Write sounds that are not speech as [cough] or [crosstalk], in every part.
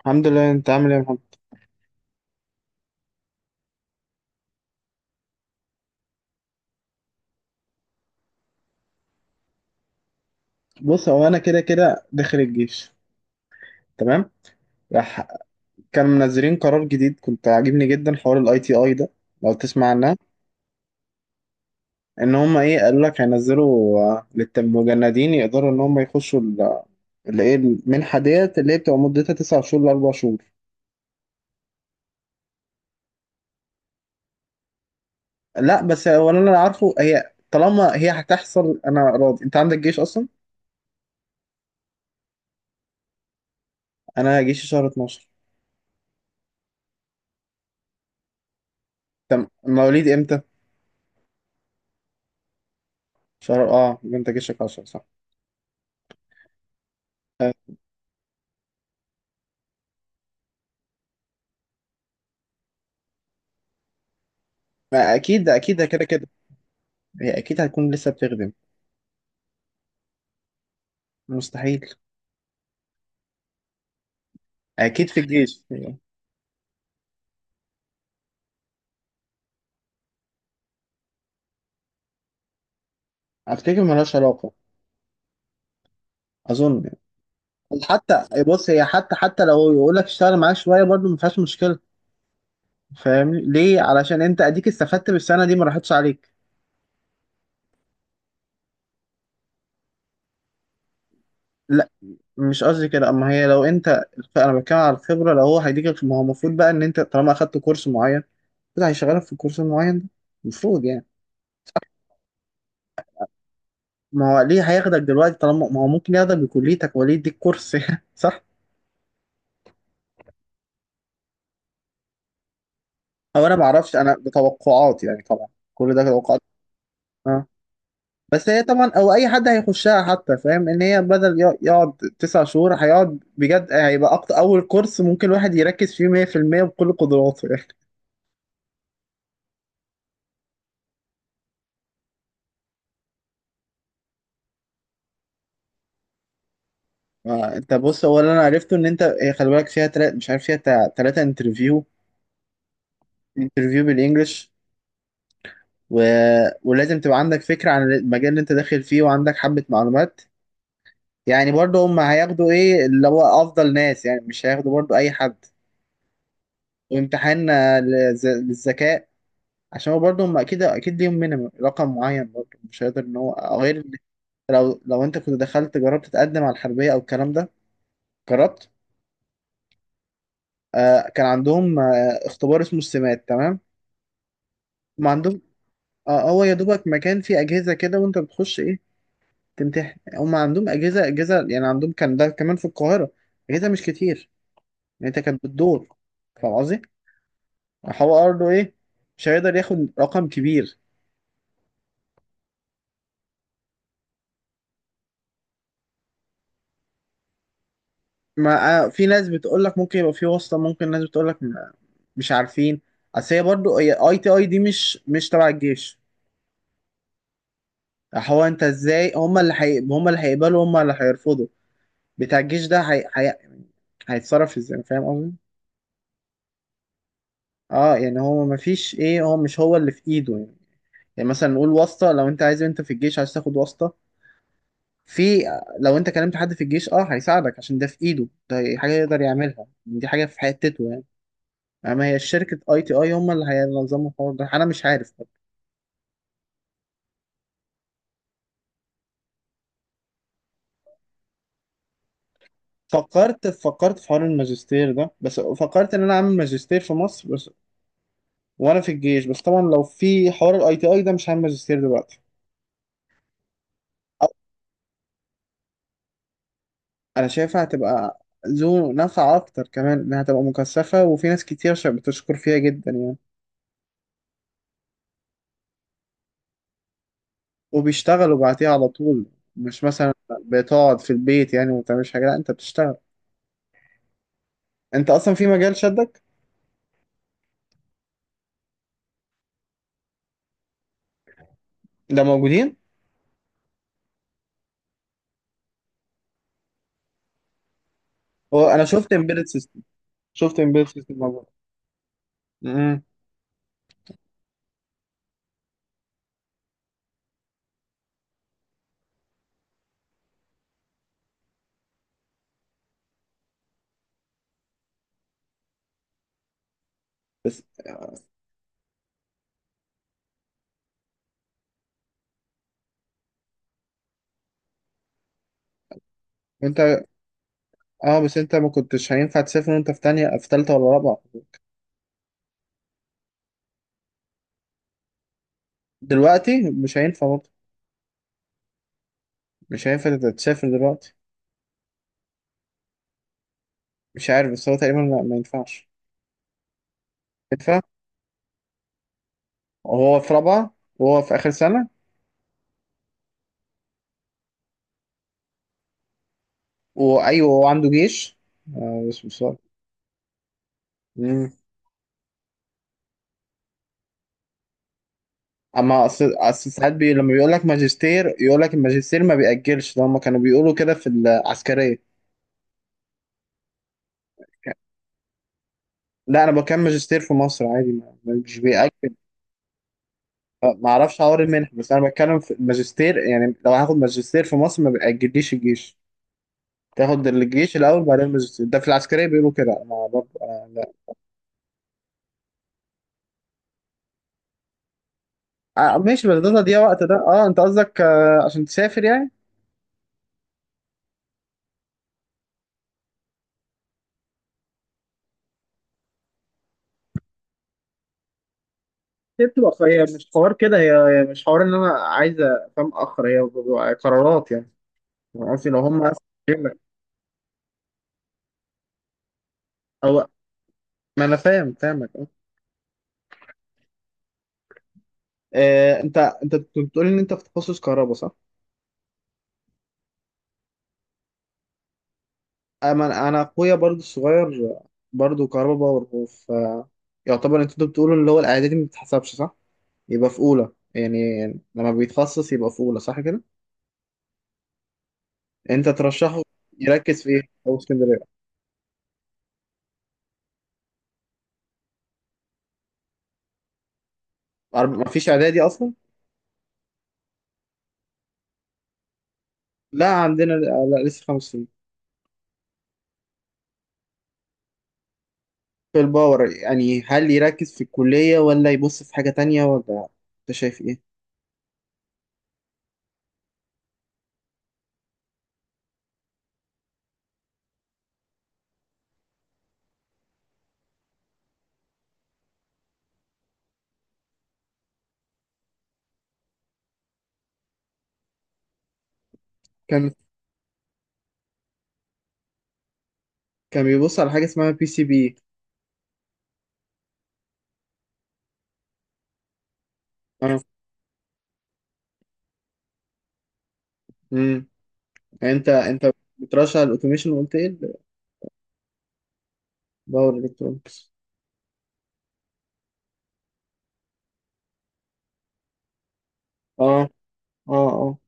الحمد لله، انت عامل ايه يا محمد؟ بص، هو انا كده كده داخل الجيش. تمام. راح كان منزلين قرار جديد، كنت عاجبني جدا حوار الاي تي اي ده، لو تسمع عنها. ان هم ايه قالوا لك هينزلوا للمجندين يقدروا ان هم يخشوا اللي ايه المنحه ديت اللي هي بتبقى مدتها تسع شهور لاربع شهور. لا بس هو اللي انا عارفه، هي طالما هي هتحصل انا راضي، انت عندك جيش اصلا. انا جيشي شهر 12. تم مواليد امتى؟ شهر اه يبقى انت جيشك 10، صح؟ ما اكيد اكيد كده كده. هي اكيد هتكون لسه بتخدم. مستحيل، اكيد في الجيش يعني. افتكر ملهاش علاقه، اظن يعني. حتى بص، هي حتى لو يقول لك اشتغل معاك شويه برضه ما فيهاش مشكله. فاهمني ليه؟ علشان انت اديك استفدت بالسنه دي، ما راحتش عليك. لا مش قصدي كده، اما هي لو انت، انا بتكلم على الخبره. لو هو هيديك، ما هو المفروض بقى ان انت طالما اخدت كورس معين كده هيشغلك في الكورس المعين ده، المفروض يعني. ما هو ليه هياخدك دلوقتي طالما ما هو ممكن ياخدك بكليتك وليه يديك كورس [laughs] صح؟ انا ما اعرفش، انا بتوقعات يعني طبعا، كل ده توقعات. اه بس هي طبعا، او اي حد هيخشها حتى فاهم ان هي بدل يقعد تسع شهور هيقعد بجد، هيبقى أكتر، اول كورس ممكن الواحد يركز فيه 100% بكل قدراته يعني. ما انت بص، هو اللي انا عرفته ان انت، هي خلي بالك فيها تلات، مش عارف، فيها تلاتة انترفيو. انترفيو بالانجلش و... ولازم تبقى عندك فكرة عن المجال اللي انت داخل فيه، وعندك حبة معلومات، يعني برضه هم هياخدوا ايه اللي هو افضل ناس يعني، مش هياخدوا برضه اي حد. وامتحان للذكاء، عشان هو برضه هم اكيد اكيد ليهم مينيمم رقم معين برضه، مش هيقدر ان هو، غير إن، لو انت كنت دخلت جربت تقدم على الحربيه او الكلام ده، جربت؟ كان عندهم اختبار اسمه السمات، تمام؟ ما عندهم هو يا دوبك مكان فيه اجهزه كده وانت بتخش ايه، تمتحن. هم عندهم اجهزه يعني عندهم، كان ده كمان في القاهره، اجهزه مش كتير، يعني انت كانت بتدور، فاهم قصدي؟ هو برضه ايه، مش هيقدر ياخد رقم كبير. ما في ناس بتقول لك ممكن يبقى في واسطة، ممكن ناس بتقول لك مش عارفين. اصل هي برضو اي تي اي دي مش تبع الجيش. هو انت ازاي، هم اللي هم اللي هيقبلوا، هم اللي هيرفضوا، بتاع الجيش ده هيتصرف ازاي، فاهم قصدي؟ اه يعني هو ما فيش ايه، هو مش هو اللي في ايده يعني. يعني مثلا نقول واسطة، لو انت عايز، انت في الجيش عايز تاخد واسطة، في، لو انت كلمت حد في الجيش اه هيساعدك عشان ده في ايده، ده حاجة يقدر يعملها، دي حاجة في حتته يعني. يعني ما هي شركة اي تي اي هم اللي هينظموا الحوار ده، انا مش عارف. فكرت في حوار الماجستير ده، بس فكرت ان انا اعمل ماجستير في مصر بس وانا في الجيش. بس طبعا لو في حوار الاي تي اي ده مش هعمل ماجستير دلوقتي. أو- انا شايفها هتبقى ذو نفع اكتر، كمان انها هتبقى مكثفة، وفي ناس كتير بتشكر فيها جدا يعني، وبيشتغلوا بعديها على طول، مش مثلا بتقعد في البيت يعني وما بتعملش حاجة، لا انت بتشتغل، انت اصلا في مجال شدك. ده موجودين، هو انا شفت امبيدد سيستم موجود. امم بس انت اه بس انت ما كنتش هينفع تسافر وانت في تانية، في تالتة ولا رابعة؟ دلوقتي مش هينفع برضه، مش هينفع تسافر دلوقتي. مش عارف، بس هو تقريبا لا، ما ينفعش. ينفع وهو في رابعة، وهو في آخر سنة؟ وأيوه، هو عنده جيش، بس مش عارف. مم. أما أصل ساعات لما بيقول لك ماجستير، يقول لك الماجستير ما بيأجلش، ده هما كانوا بيقولوا كده في العسكرية. لا أنا بكمل ماجستير في مصر عادي، مش بيأجل. ما اعرفش حوار المنح، بس انا بتكلم في الماجستير يعني، لو هاخد ماجستير في مصر ما بيأجليش الجيش، تاخد الجيش الاول بعدين الماجستير، ده في العسكريه بيقولوا كده، انا برضه انا لا. ماشي، بس ده تضييع وقت، ده اه انت قصدك عشان تسافر يعني. هي بتبقى، هي مش حوار كده هي، هي مش حوار ان انا عايز، فاهم، اخر هي بتبقى قرارات يعني. أنا قصدي لو هم او ما انا فاهم فاهمك. انت بتقول ان انت في تخصص كهرباء، صح؟ انا اخويا برضو الصغير، برضو كهربا باور، هو في، يعتبر انت بتقولوا اللي هو الاعدادي ما بتتحسبش صح، يبقى في اولى يعني، لما بيتخصص يبقى في اولى صح كده. انت ترشحه يركز في ايه؟ اسكندريه، ما فيش اعدادي اصلا. لا عندنا لا لسه خمس سنين. في الباور يعني، هل يركز في الكليه ولا يبص في حاجه تانية، ولا انت شايف ايه؟ كان كان بيبص على حاجه اسمها بي سي بي. اه. امم، انت بترشح الاوتوميشن، وقلت ايه؟ باور الكترونكس. اه اه اه.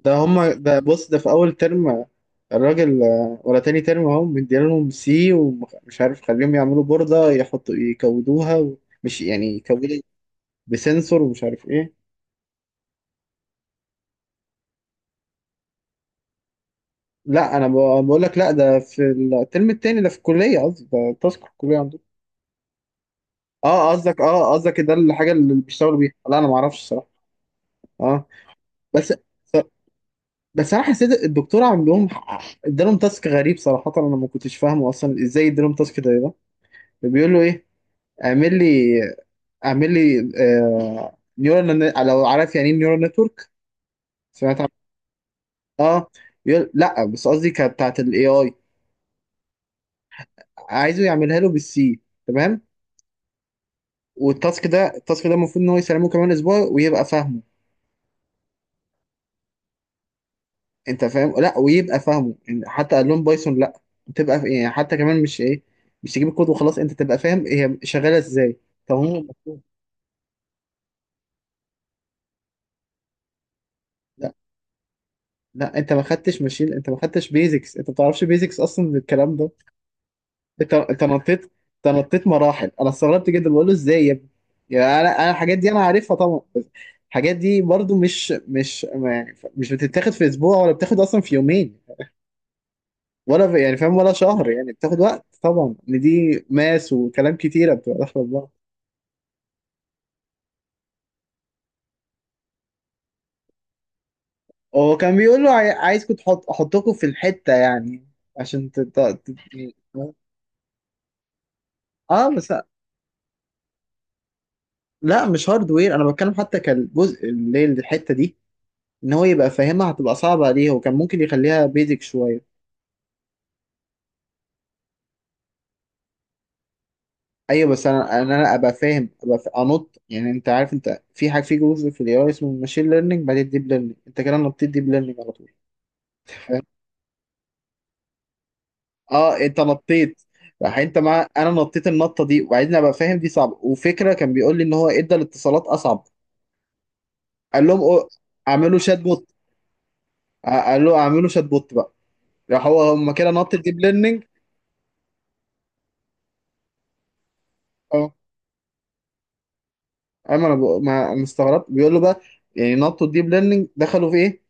ده هما ده بص، ده في اول ترم الراجل، ولا تاني ترم، اهم مدينا لهم سي، ومش عارف، خليهم يعملوا بوردة يحطوا يكودوها مش يعني يكودوا بسنسور ومش عارف ايه. لا انا بقول لك لا، ده في الترم التاني، ده في الكلية قصدي، ده تاسك في الكلية عندهم. اه قصدك، ده الحاجة اللي بيشتغلوا بيها؟ لا انا ما اعرفش الصراحة. اه بس بس انا حسيت الدكتور عندهم ادالهم تاسك غريب صراحة، انا ما كنتش فاهمه اصلا ازاي ادالهم تاسك زي ده. بيقول له ايه؟ اعمل لي اعمل لي نيورال، لو عارف يعني ايه نيورال نتورك، سمعت عن، اه، يقول، لا بس قصدي كانت بتاعت الاي اي. عايزه يعملها له بالسي، تمام؟ والتاسك ده التاسك ده المفروض ان هو يسلمه كمان اسبوع ويبقى فاهمه. انت فاهم، لا ويبقى فاهمه يعني، حتى قال لهم بايثون، لا تبقى يعني، حتى كمان، مش ايه، مش تجيب الكود وخلاص، انت تبقى فاهم هي شغاله ازاي. طب هم لا لا، انت ما خدتش ماشين، انت ما خدتش بيزكس، انت ما بتعرفش بيزكس اصلا من الكلام ده. انت نطيت انت نطيت مراحل، انا استغربت جدا، بقول له ازاي يا ابني، يعني انا، الحاجات دي انا عارفها طبعا، بس الحاجات دي برضو مش ما يعني، مش بتتاخد في اسبوع، ولا بتاخد اصلا في يومين، ولا في يعني، فاهم، ولا شهر يعني، بتاخد وقت طبعا، ان دي ماس، وكلام كتيره بتبقى داخله في بعض. هو كان بيقول له عايزكم احطكم في الحته يعني، عشان اه بس، لا مش هاردوير، انا بتكلم حتى كالجزء اللي هي الحته دي، ان هو يبقى فاهمها، هتبقى صعبة عليه، هو كان ممكن يخليها بيزك شوية. ايوه بس انا ابقى فاهم، انط يعني، انت عارف، انت في حاجة، في جزء في الاي اي اسمه الماشين ليرنينج، بعدين الديب ليرنينج، انت كده نطيت ديب ليرنينج على طول، فاهم؟ اه انت نطيت. راح انت مع انا نطيت النطة دي، وبعدين ابقى فاهم دي صعبة، وفكرة كان بيقول لي ان هو ادى الاتصالات اصعب. قال لهم اعملوا شات بوت، قال له اعملوا شات بوت بقى. هو هم كده نط الديب ليرنينج. اما انا ما انا استغربت، بيقول له بقى يعني نطوا الديب ليرنينج، دخلوا في ايه؟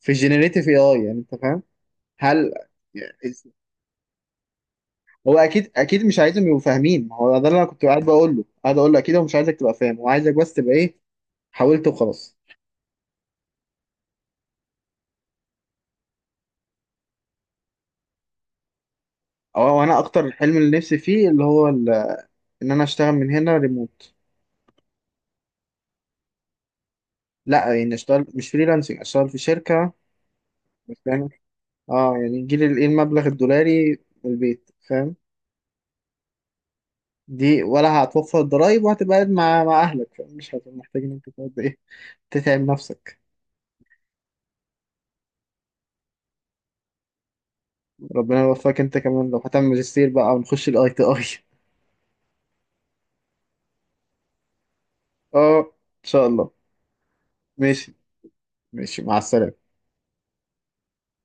في الجينيريتيف اي اي، يعني انت فاهم، هل يعني، هو اكيد اكيد مش عايزهم يبقوا فاهمين، ما هو ده اللي انا كنت قاعد بقول له، قاعد اقول له اكيد هو مش عايزك تبقى فاهم، هو عايزك بس تبقى ايه، حاولت وخلاص. انا اكتر الحلم اللي نفسي فيه اللي هو ان انا اشتغل من هنا ريموت. لا يعني اشتغل مش فريلانسنج، اشتغل في شركة بس يعني، اه يعني يجي لي الايه المبلغ الدولاري من البيت، فاهم؟ دي ولا هتوفر ضرايب، وهتبقى قاعد مع اهلك، فمش هتبقى محتاج ان انت تقعد ايه، تتعب نفسك. ربنا يوفقك انت كمان، لو هتعمل ماجستير بقى ونخش الاي تي اي. [laughs] اه ان شاء الله. ماشي، ماشي، مع السلامة.